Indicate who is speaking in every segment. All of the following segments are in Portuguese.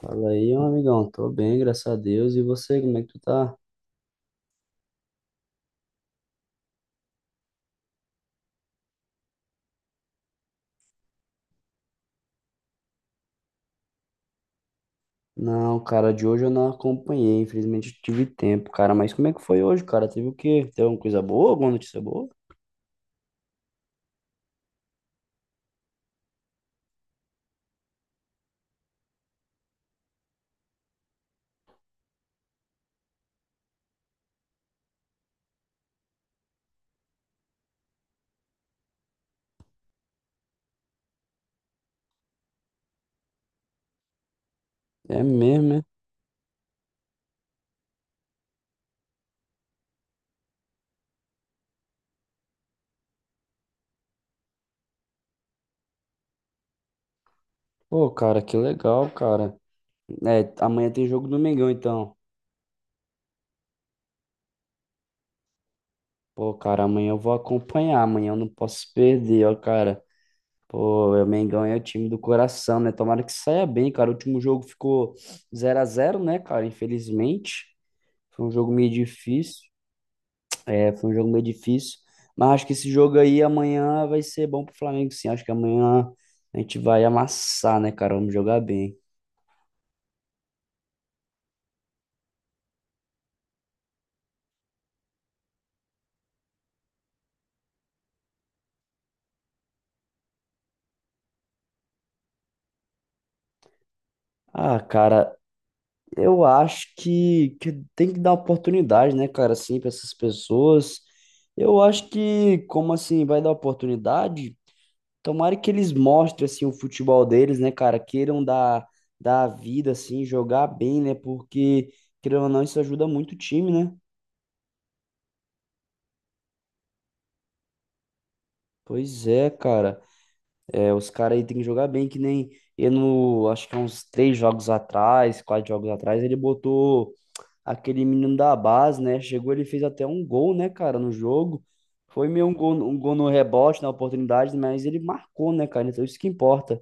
Speaker 1: Fala aí, meu amigão. Tô bem, graças a Deus. E você, como é que tu tá? Não, cara, de hoje eu não acompanhei. Infelizmente eu tive tempo, cara. Mas como é que foi hoje, cara? Teve o quê? Teve alguma coisa boa? Alguma notícia boa? É mesmo, né? Pô, cara, que legal, cara. É, amanhã tem jogo do Mengão, então. Pô, cara, amanhã eu vou acompanhar. Amanhã eu não posso perder, ó, cara. Pô, o Mengão é o time do coração, né? Tomara que saia bem, cara. O último jogo ficou zero a zero né, cara? Infelizmente. Foi um jogo meio difícil. É, foi um jogo meio difícil. Mas acho que esse jogo aí amanhã vai ser bom pro Flamengo, sim. Acho que amanhã a gente vai amassar, né, cara? Vamos jogar bem. Ah, cara, eu acho que tem que dar oportunidade, né, cara, assim, para essas pessoas. Eu acho que, como assim, vai dar oportunidade? Tomara que eles mostrem, assim, o futebol deles, né, cara? Queiram dar a vida, assim, jogar bem, né? Porque, querendo ou não, isso ajuda muito o time, né? Pois é, cara. É, os caras aí tem que jogar bem, que nem eu no, acho que há uns três jogos atrás, quatro jogos atrás, ele botou aquele menino da base, né? Chegou, ele fez até um gol, né, cara, no jogo. Foi meio um gol no rebote, na oportunidade, mas ele marcou, né, cara? Então isso que importa.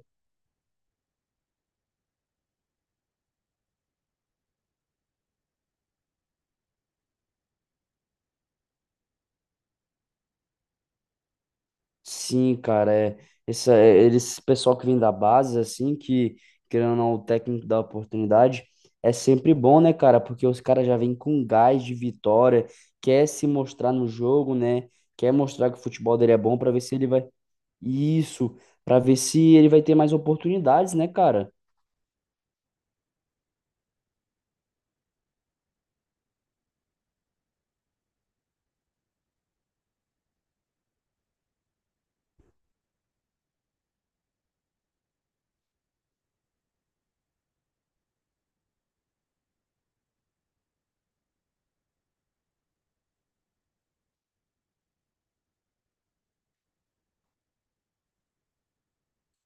Speaker 1: Sim, cara, é, esse, é, pessoal que vem da base, assim, que, querendo ou não, o técnico dá oportunidade, é sempre bom, né, cara? Porque os caras já vêm com gás de vitória, quer se mostrar no jogo, né? Quer mostrar que o futebol dele é bom pra ver se ele vai. Isso, pra ver se ele vai ter mais oportunidades, né, cara?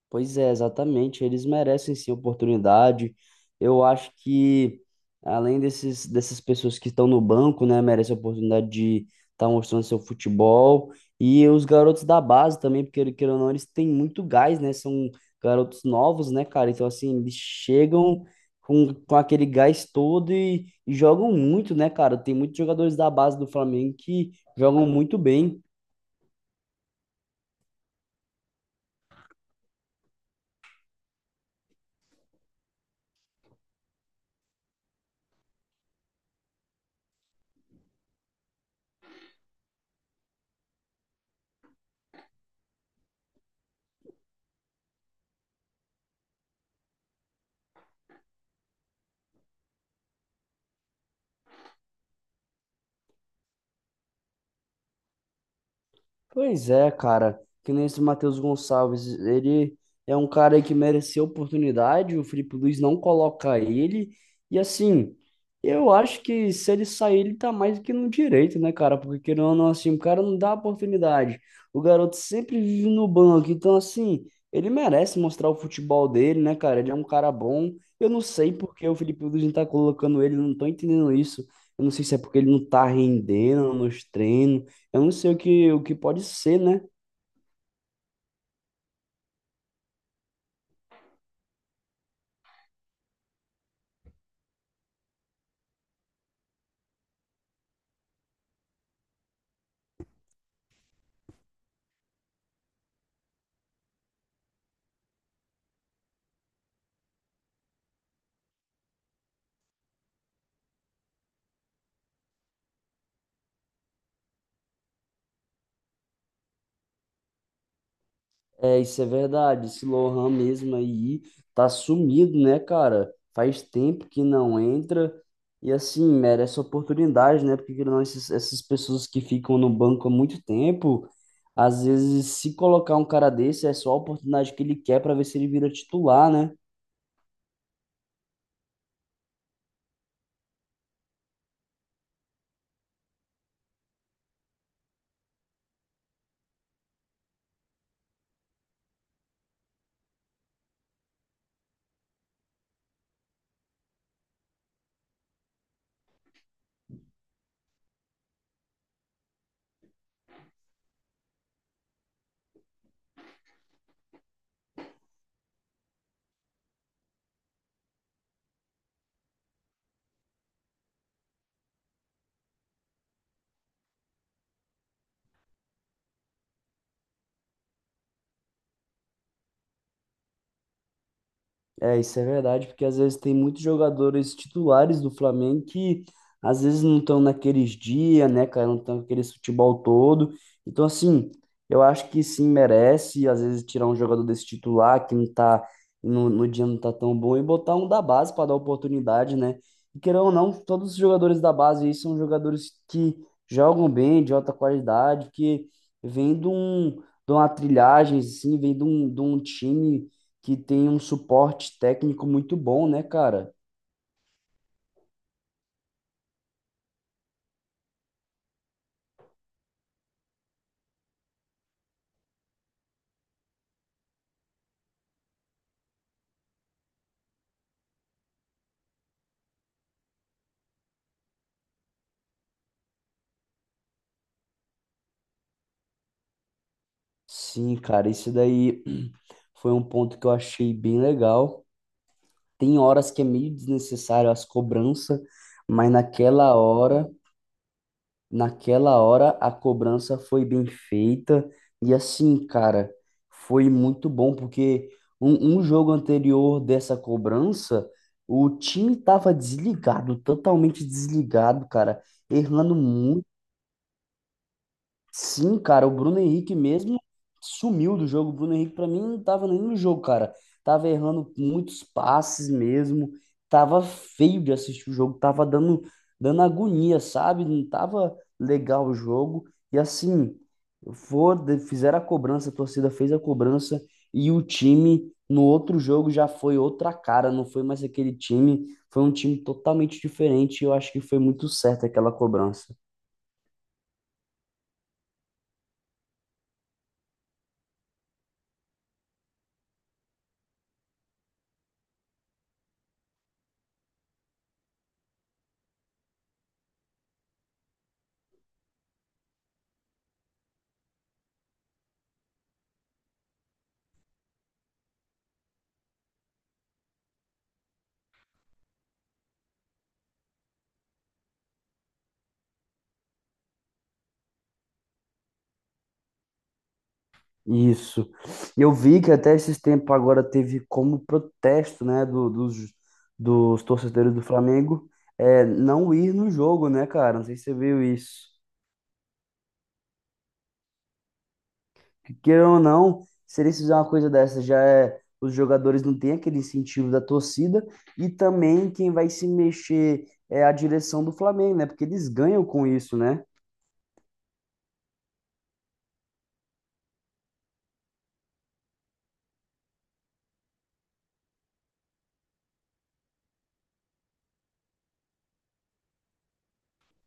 Speaker 1: Pois é, exatamente. Eles merecem sim oportunidade. Eu acho que, além desses, dessas pessoas que estão no banco, né, merecem a oportunidade de estar mostrando seu futebol. E os garotos da base também, porque, queira ou não, eles têm muito gás, né? São garotos novos, né, cara? Então, assim, eles chegam com aquele gás todo e jogam muito, né, cara? Tem muitos jogadores da base do Flamengo que jogam muito bem. Pois é, cara. Que nem esse Matheus Gonçalves. Ele é um cara que mereceu oportunidade. O Felipe Luiz não coloca ele. E assim, eu acho que se ele sair, ele tá mais do que no direito, né, cara? Porque querendo ou não, assim, o cara não dá oportunidade. O garoto sempre vive no banco. Então, assim, ele merece mostrar o futebol dele, né, cara? Ele é um cara bom. Eu não sei por que o Felipe Luiz não tá colocando ele. Eu Não tô entendendo isso. Eu não sei se é porque ele não tá rendendo nos treinos. Eu não sei o que pode ser, né? É, isso é verdade. Esse Lohan mesmo aí tá sumido, né, cara? Faz tempo que não entra. E assim, merece oportunidade, né? Porque querendo ou não, essas pessoas que ficam no banco há muito tempo, às vezes, se colocar um cara desse, é só a oportunidade que ele quer para ver se ele vira titular, né? É, isso é verdade, porque às vezes tem muitos jogadores titulares do Flamengo que às vezes não estão naqueles dias, né, cara? Não estão naquele futebol todo. Então, assim, eu acho que sim merece, às vezes, tirar um jogador desse titular que não tá no dia não tá tão bom e botar um da base para dar oportunidade, né? E querendo ou não, todos os jogadores da base aí são jogadores que jogam bem, de alta qualidade, que vêm de um, de uma trilhagem, assim, vêm de um time que tem um suporte técnico muito bom, né, cara? Sim, cara, isso daí foi um ponto que eu achei bem legal. Tem horas que é meio desnecessário as cobranças, mas naquela hora a cobrança foi bem feita e assim, cara, foi muito bom porque um jogo anterior dessa cobrança, o time tava desligado, totalmente desligado, cara, errando. Sim, cara, o Bruno Henrique mesmo sumiu do jogo. O Bruno Henrique, pra mim, não tava nem no jogo, cara. Tava errando muitos passes mesmo. Tava feio de assistir o jogo. Tava dando agonia, sabe? Não tava legal o jogo. E assim, fizeram a cobrança, a torcida fez a cobrança. E o time, no outro jogo, já foi outra cara. Não foi mais aquele time. Foi um time totalmente diferente. Eu acho que foi muito certo aquela cobrança. Isso. Eu vi que até esses tempos agora teve como protesto, né, dos torcedores do Flamengo, é, não ir no jogo, né, cara? Não sei se você viu isso. Que queira ou não, se eles fizerem uma coisa dessa, já é, os jogadores não têm aquele incentivo da torcida e também quem vai se mexer é a direção do Flamengo, né? Porque eles ganham com isso, né?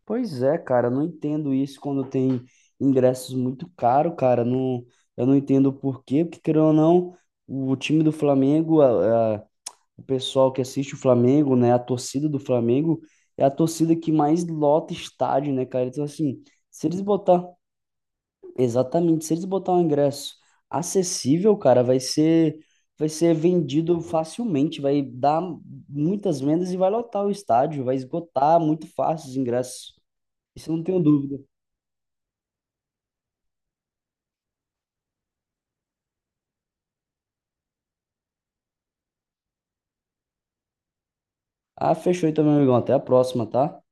Speaker 1: Pois é, cara, eu não entendo isso quando tem ingressos muito caros, cara. Não, eu não entendo o porquê, porque querendo ou não, o time do Flamengo, o pessoal que assiste o Flamengo, né, a torcida do Flamengo é a torcida que mais lota estádio, né, cara? Então assim, se eles botar, exatamente, se eles botar um ingresso acessível, cara, vai ser vendido facilmente, vai dar muitas vendas e vai lotar o estádio, vai esgotar muito fácil os ingressos. Isso eu não tenho dúvida. Ah, fechou então, meu amigão. Até a próxima, tá?